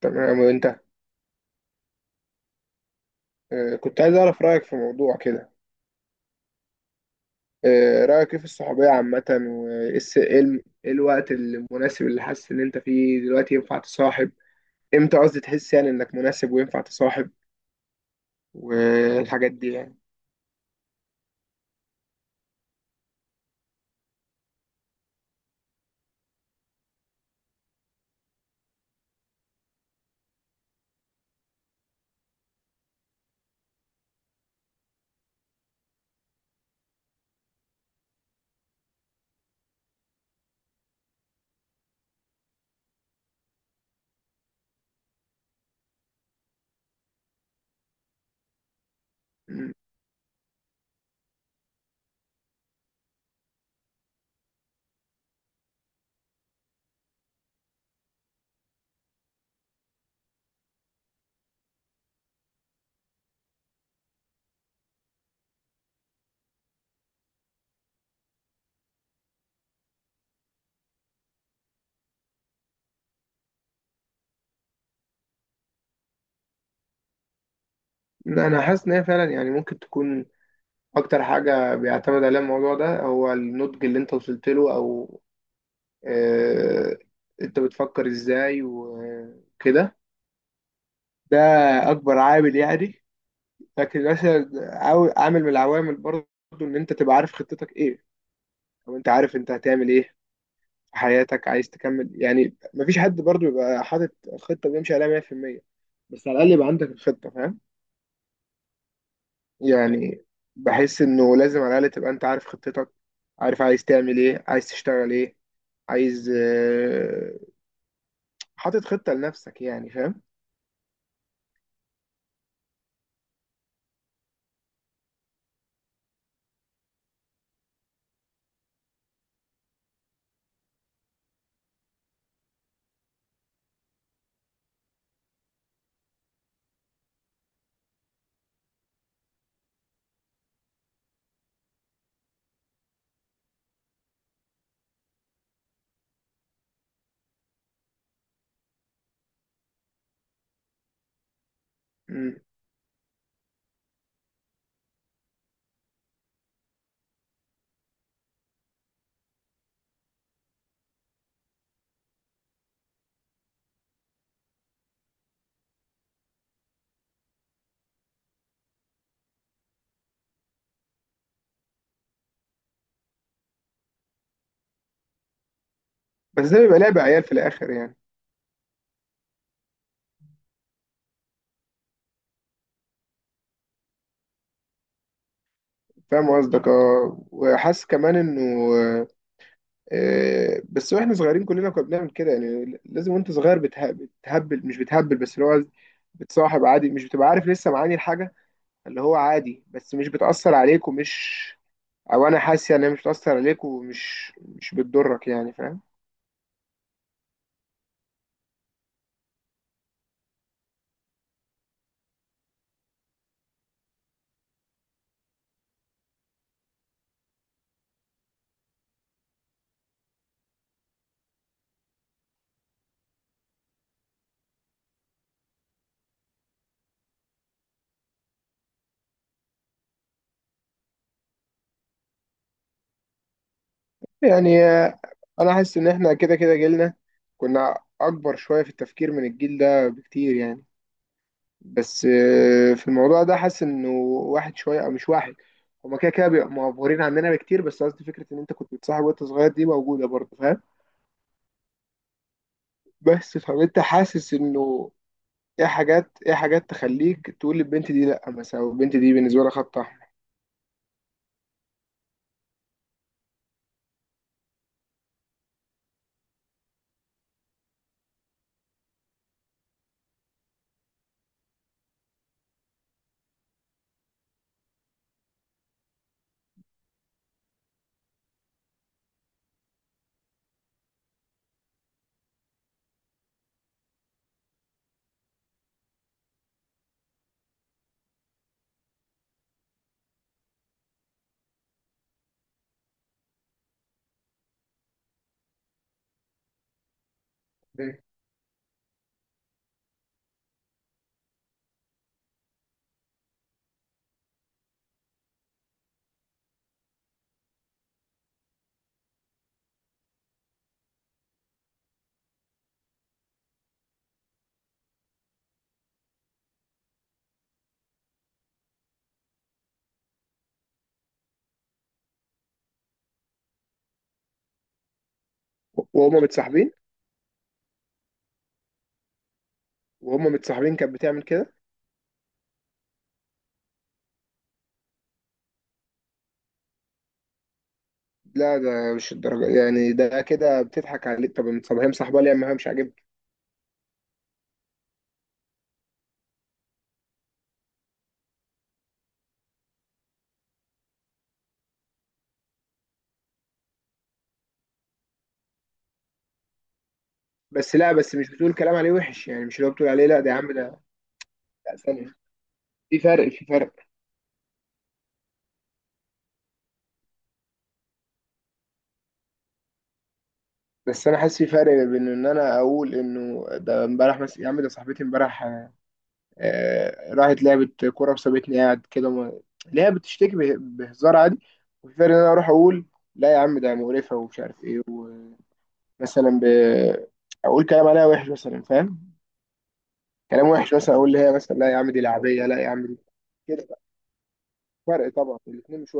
تمام وانت. كنت عايز اعرف رايك في موضوع كده. رايك ايه في الصحوبيه عامه وايه الس- ايه الم- ايه الوقت المناسب اللي حاسس ان انت فيه دلوقتي ينفع تصاحب؟ امتى قصدي تحس يعني انك مناسب وينفع تصاحب والحاجات دي يعني. م. انا حاسس ان هي فعلا يعني ممكن تكون اكتر حاجه بيعتمد عليها الموضوع ده هو النضج اللي انت وصلت له او آه، انت بتفكر ازاي وكده. ده اكبر عامل يعني، لكن مثلا عامل من العوامل برضو، ان انت تبقى عارف خطتك ايه او انت عارف انت هتعمل ايه في حياتك، عايز تكمل يعني. مفيش حد برضو يبقى حاطط خطة بيمشي عليها 100%، بس على الاقل يبقى عندك الخطة، فاهم يعني؟ بحس انه لازم على الاقل تبقى انت عارف خطتك، عارف عايز تعمل ايه، عايز تشتغل ايه، عايز حاطط خطة لنفسك يعني، فاهم؟ مم. بس ده بيبقى لعب عيال في الاخر يعني. فاهم قصدك اه، وحاسس كمان انه آه، بس واحنا صغيرين كلنا كنا بنعمل كده يعني، لازم وانت صغير بتهبل مش بتهبل، بس اللي هو بتصاحب عادي، مش بتبقى عارف لسه معاني الحاجة، اللي هو عادي بس مش بتأثر عليك ومش، او انا حاسس يعني مش بتأثر عليك ومش مش بتضرك يعني، فاهم؟ يعني انا حاسس ان احنا كده كده جيلنا كنا اكبر شوية في التفكير من الجيل ده بكتير يعني. بس في الموضوع ده حاسس انه واحد شويه، او مش واحد، هما كده كده بيبقوا مغفورين عننا بكتير، بس قصدي فكره ان انت كنت بتصاحب وانت صغير دي موجوده برضه، فاهم؟ بس فانت حاسس انه ايه حاجات، ايه حاجات تخليك تقول للبنت دي لا مثلا، او البنت دي بالنسبه لها خط احمر. إيه؟ وهما متصاحبين؟ وهما متصاحبين كانت بتعمل كده؟ لا ده مش الدرجه يعني، ده كده بتضحك عليه. طب ما هي مصاحبه ليه؟ ما هي مش عاجبك. بس لا، بس مش بتقول كلام عليه وحش يعني، مش اللي هو بتقول عليه لا ده يا عم ده. لا ثانيه، في فرق، في فرق. بس انا حاسس في فرق بين ان انا اقول انه ده امبارح مثلا، يا عم ده صاحبتي امبارح راحت لعبت كوره وسابتني قاعد كده ما… اللي هي بتشتكي بهزار عادي. وفي فرق ان انا اروح اقول لا يا عم ده مقرفه ومش عارف ايه، ومثلا ب… اقول كلام عليها وحش مثلا، فاهم؟ كلام وحش، مثلا اقول لها مثلا لا يا عم دي لعبيه، لا يا عم دي كده. فرق طبعا، الاثنين مش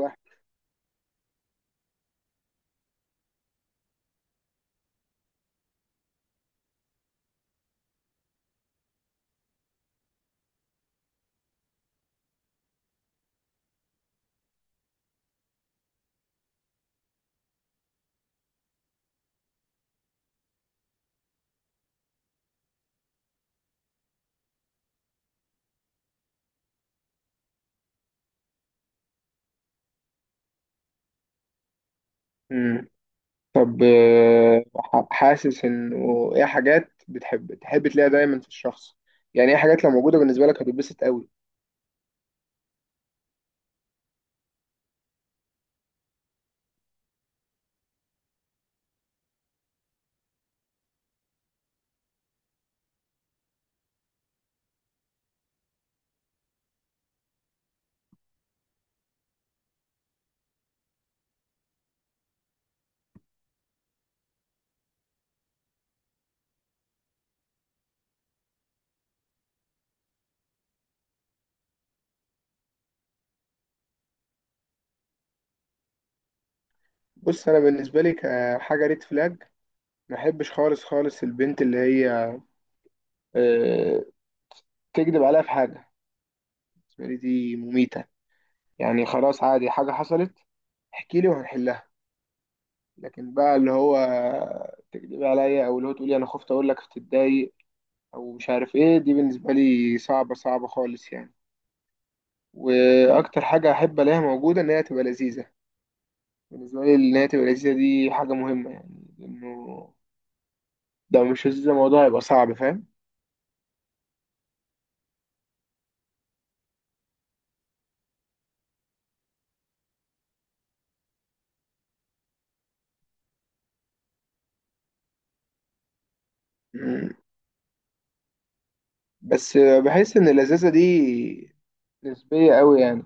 واحد. طب حاسس انه ايه حاجات بتحب تلاقيها دايما في الشخص؟ يعني ايه حاجات لو موجوده بالنسبه لك هتتبسط قوي؟ بص انا بالنسبه لي كحاجه ريد فلاج، ما احبش خالص البنت اللي هي آه، تكذب عليها في حاجه. بالنسبه لي دي مميته، يعني خلاص عادي حاجه حصلت، احكي لي وهنحلها، لكن بقى اللي هو تكذبي عليا، او اللي هو تقولي انا خفت اقول لك تتضايق او مش عارف ايه، دي بالنسبه لي صعبه، صعبه خالص يعني. واكتر حاجه احب الاقيها موجوده ان هي تبقى لذيذه. بالنسبه لي ان هي تبقى لذيذه دي حاجه مهمه يعني، لانه لو مش لذيذه الموضوع هيبقى صعب، فاهم؟ مم. بس بحس ان اللذاذه دي نسبيه قوي يعني.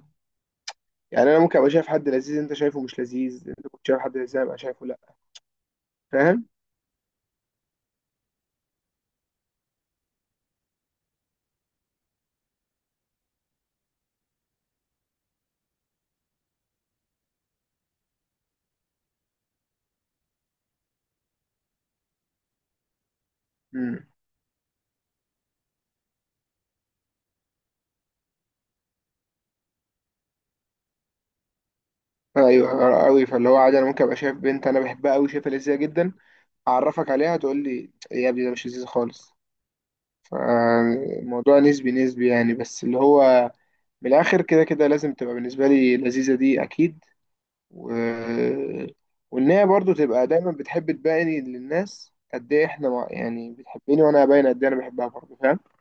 يعني انا ممكن ابقى شايف حد لذيذ انت شايفه مش لذيذ، انت كنت شايف حد لذيذ أنا ابقى شايفه لا، فاهم؟ مم. ايوه قوي، فاللي هو عادي انا ممكن ابقى شايف بنت انا بحبها قوي شايفها لذيذه جدا، اعرفك عليها تقول لي يا ابني ده مش لذيذ خالص. فالموضوع نسبي نسبي يعني. بس اللي هو من الاخر كده كده لازم تبقى بالنسبه لي لذيذه، دي اكيد. و… وان هي برضو تبقى دايما بتحب تبين للناس قد ايه احنا مع… يعني بتحبني، وانا باين قد ايه انا بحبها برضو، فاهم؟